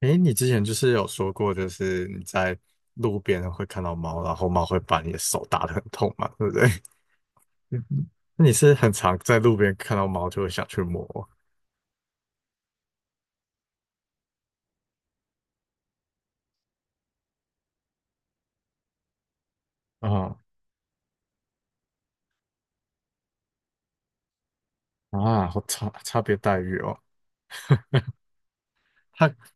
诶，你之前就是有说过，就是你在路边会看到猫，然后猫会把你的手打得很痛嘛，对不对？嗯那你是很常在路边看到猫就会想去摸啊、啊，好差别待遇哦。它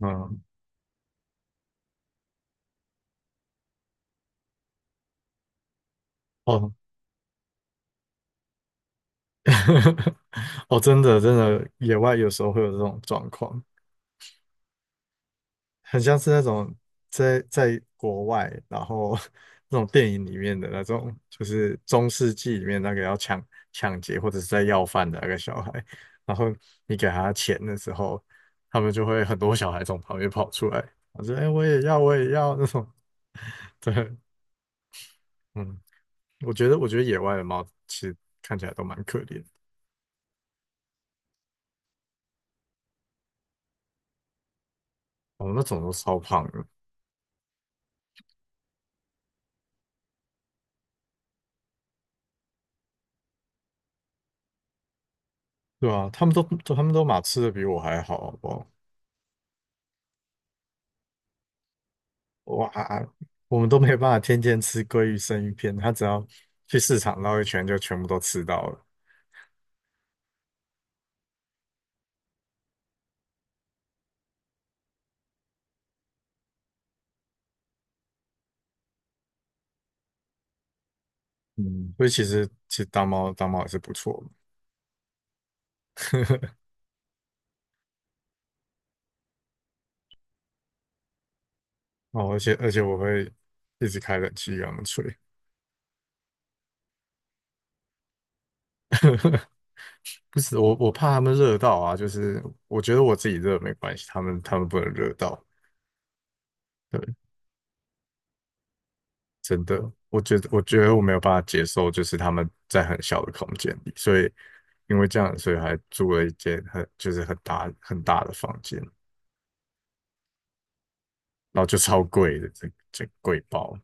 嗯哦 哦，真的，野外有时候会有这种状况。很像是那种在国外，然后 那种电影里面的那种，就是中世纪里面那个要抢劫或者是在要饭的那个小孩，然后你给他钱的时候，他们就会很多小孩从旁边跑出来，我说："哎、我也要，我也要那种。"对，嗯，我觉得野外的猫其实看起来都蛮可怜的哦，那种都超胖的，对啊，他们都马吃的比我还好，好不好？哇，我们都没有办法天天吃鲑鱼生鱼片，他只要去市场绕一圈就全部都吃到了。嗯，所以其实当猫也是不错的。哦，而且我会一直开冷气给他们吹，不是我怕他们热到啊，就是我觉得我自己热没关系，他们不能热到。对真的，我觉得我没有办法接受，就是他们在很小的空间里，所以因为这样，所以还租了一间很就是很大很大的房间，然后就超贵的，这这贵包，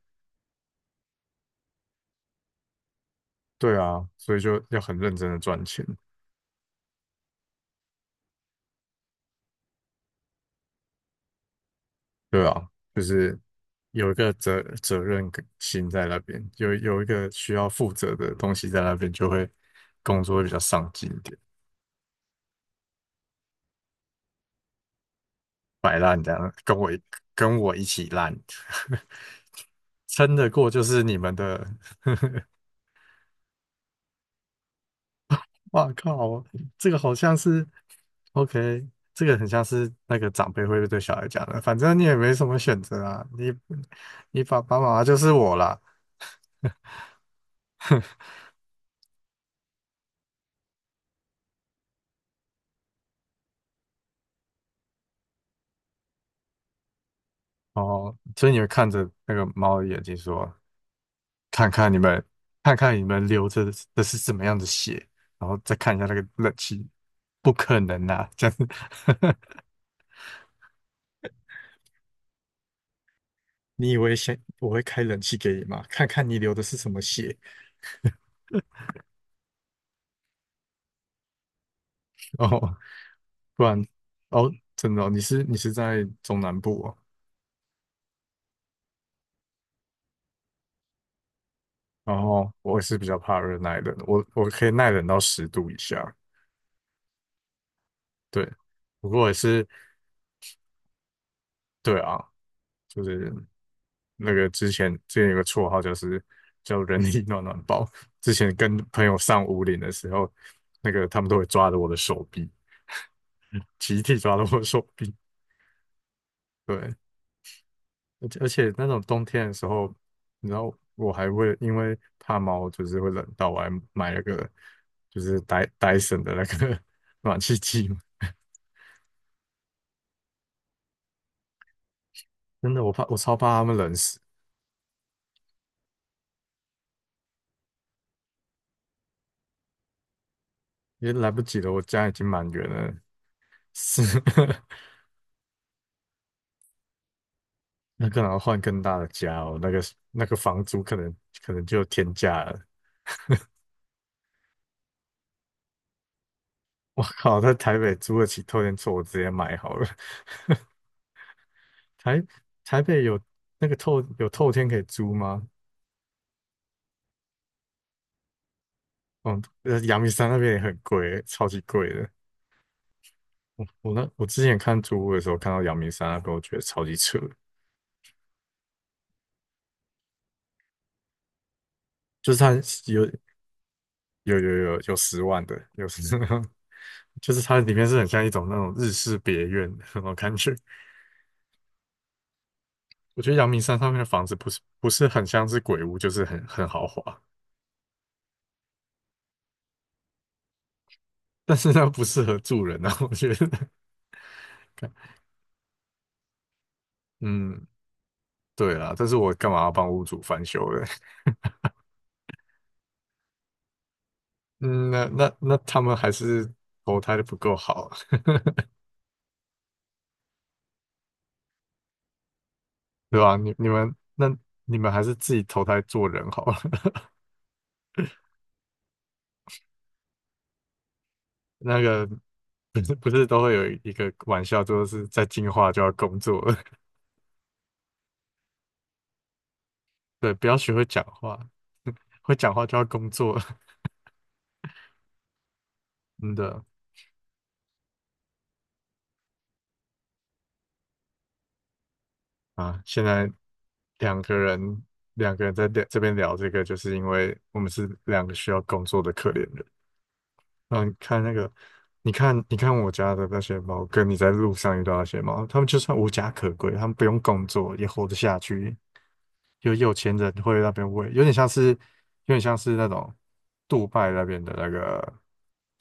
对啊，所以就要很认真的赚钱。对啊，就是有一个责任感心在那边，有一个需要负责的东西在那边，就会工作会比较上进一点。摆烂这样，跟我一起烂，撑得过就是你们的，哇靠，这个好像是 OK,这个很像是那个长辈会对小孩讲的，反正你也没什么选择啊，你爸爸妈妈就是我啦。哦，所以你们看着那个猫的眼睛说，看看你们，看看你们流着的是怎么样的血，然后再看一下那个冷气，不可能啊，这样子，你以为先我会开冷气给你吗？看看你流的是什么血哦，不然哦，真的哦你是在中南部哦，然后我也是比较怕热耐冷，我可以耐冷到10度以下，对，不过也是对啊，就是那个之前有个绰号就是叫人力暖暖包，之前跟朋友上五岭的时候，那个他们都会抓着我的手臂，集体抓着我的手臂，对，而且那种冬天的时候，你知道我还会因为怕猫就是会冷到，我还买了个就是戴森的那个 暖气机嘛。真的，我怕我超怕它们冷死，也来不及了。我家已经满员了，是 那可能要换更大的家哦。那个那个房租可能就有天价了。我靠，在台北租得起透天厝，我直接买好了。台台北有那个有透天可以租吗？嗯，阳明山那边也很贵，超级贵的。我之前看租屋的时候，看到阳明山那边，我觉得超级扯，就是它有有有有有10万的，有十 就是它里面是很像一种那种日式别院的那种感觉。我觉得阳明山上面的房子不是很像是鬼屋，就是很豪华，但是它不适合住人啊，我觉得。嗯，对啦，但是我干嘛要帮屋主翻修嘞？嗯，那他们还是投胎的不够好，对吧？你们你们还是自己投胎做人好了。那个不是都会有一个玩笑，就是在进化就要工作了，对，不要学会讲话，会讲话就要工作了，真的啊！现在两个人两个人在聊聊这个，就是因为我们是两个需要工作的可怜人。嗯，你看那个，你看我家的那些猫，跟你在路上遇到那些猫，它们就算无家可归，它们不用工作也活得下去。有钱人会那边喂，有点像是有点像是那种杜拜那边的那个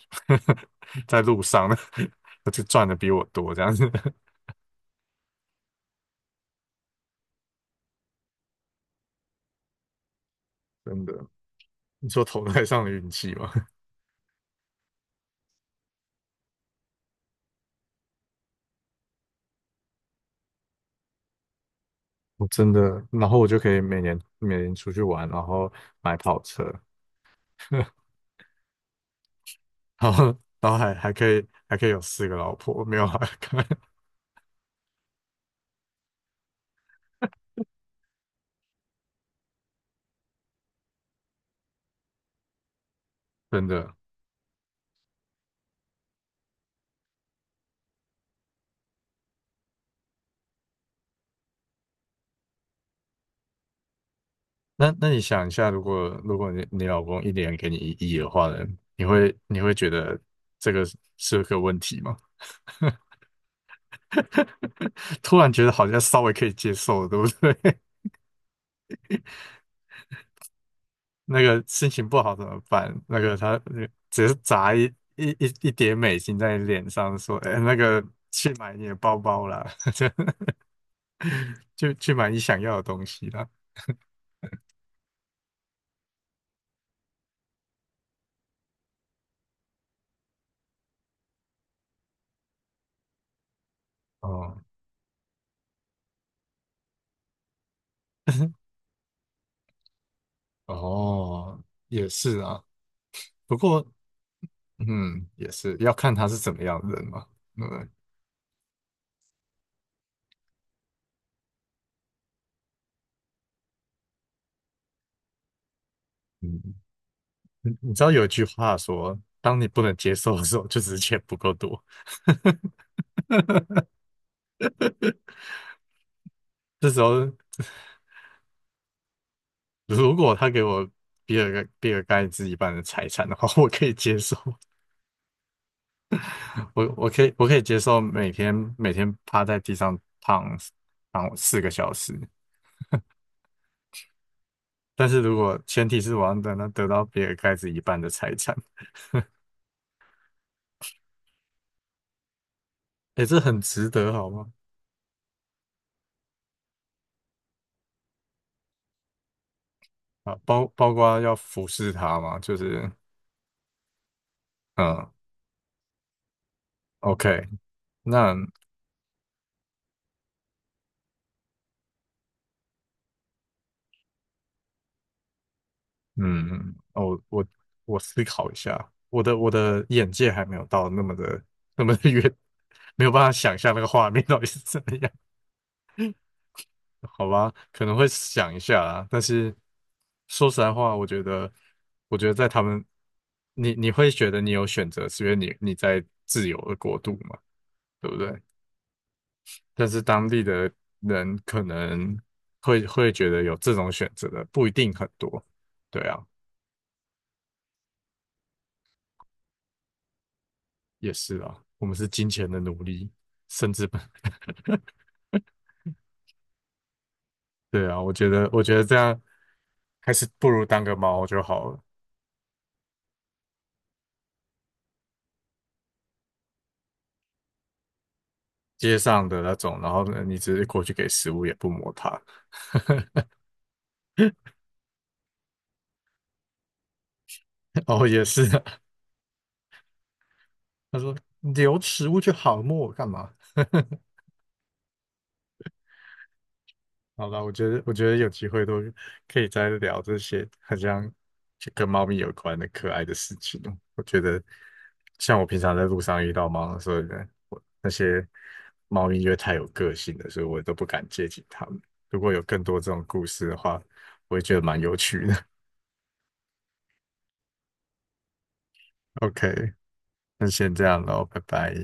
在路上的，就赚的比我多这样子，真的。你说投胎上的运气吗？我真的，然后我就可以每年出去玩，然后买跑车，然后还可以有4个老婆，没有啊，真的。那你想一下，如果你老公一年给你1亿的话呢，你会觉得这个是个问题吗？突然觉得好像稍微可以接受了，对不对？那个心情不好怎么办？那个他只是砸一一叠美金在你脸上，说："哎，那个去买你的包包啦，就去买你想要的东西啦。"哦 哦，也是啊。不过嗯，也是要看他是怎么样的人嘛。对不对，嗯，你你知道有一句话说，当你不能接受的时候，就只是钱不够多。这时候，如果他给我比尔盖茨一半的财产的话，我可以接受，我可以接受每天趴在地上躺躺4个小时。但是如果前提是我要等他得到比尔盖茨一半的财产，诶，这很值得好吗？啊，包括要服侍他嘛，就是。嗯，OK,那嗯，哦，我思考一下，我的眼界还没有到那么的远，没有办法想象那个画面到底是怎么样，好吧？可能会想一下啦，但是说实在话，我觉得，我觉得在他们，你会觉得你有选择，是因为你在自由的国度嘛，对不对？但是当地的人可能会觉得有这种选择的不一定很多，对啊。也是啊，我们是金钱的奴隶，甚至不 对啊，我觉得，我觉得这样还是不如当个猫就好了。街上的那种，然后呢，你直接过去给食物，也不摸它。哦，也是啊，他说你留食物就好，摸我干嘛？好吧，我觉得有机会都可以再聊这些好像就跟猫咪有关的可爱的事情哦。我觉得像我平常在路上遇到猫的时候呢，我那些猫咪因为太有个性了，所以我都不敢接近它们。如果有更多这种故事的话，我也觉得蛮有趣的。OK,那先这样喽，拜拜。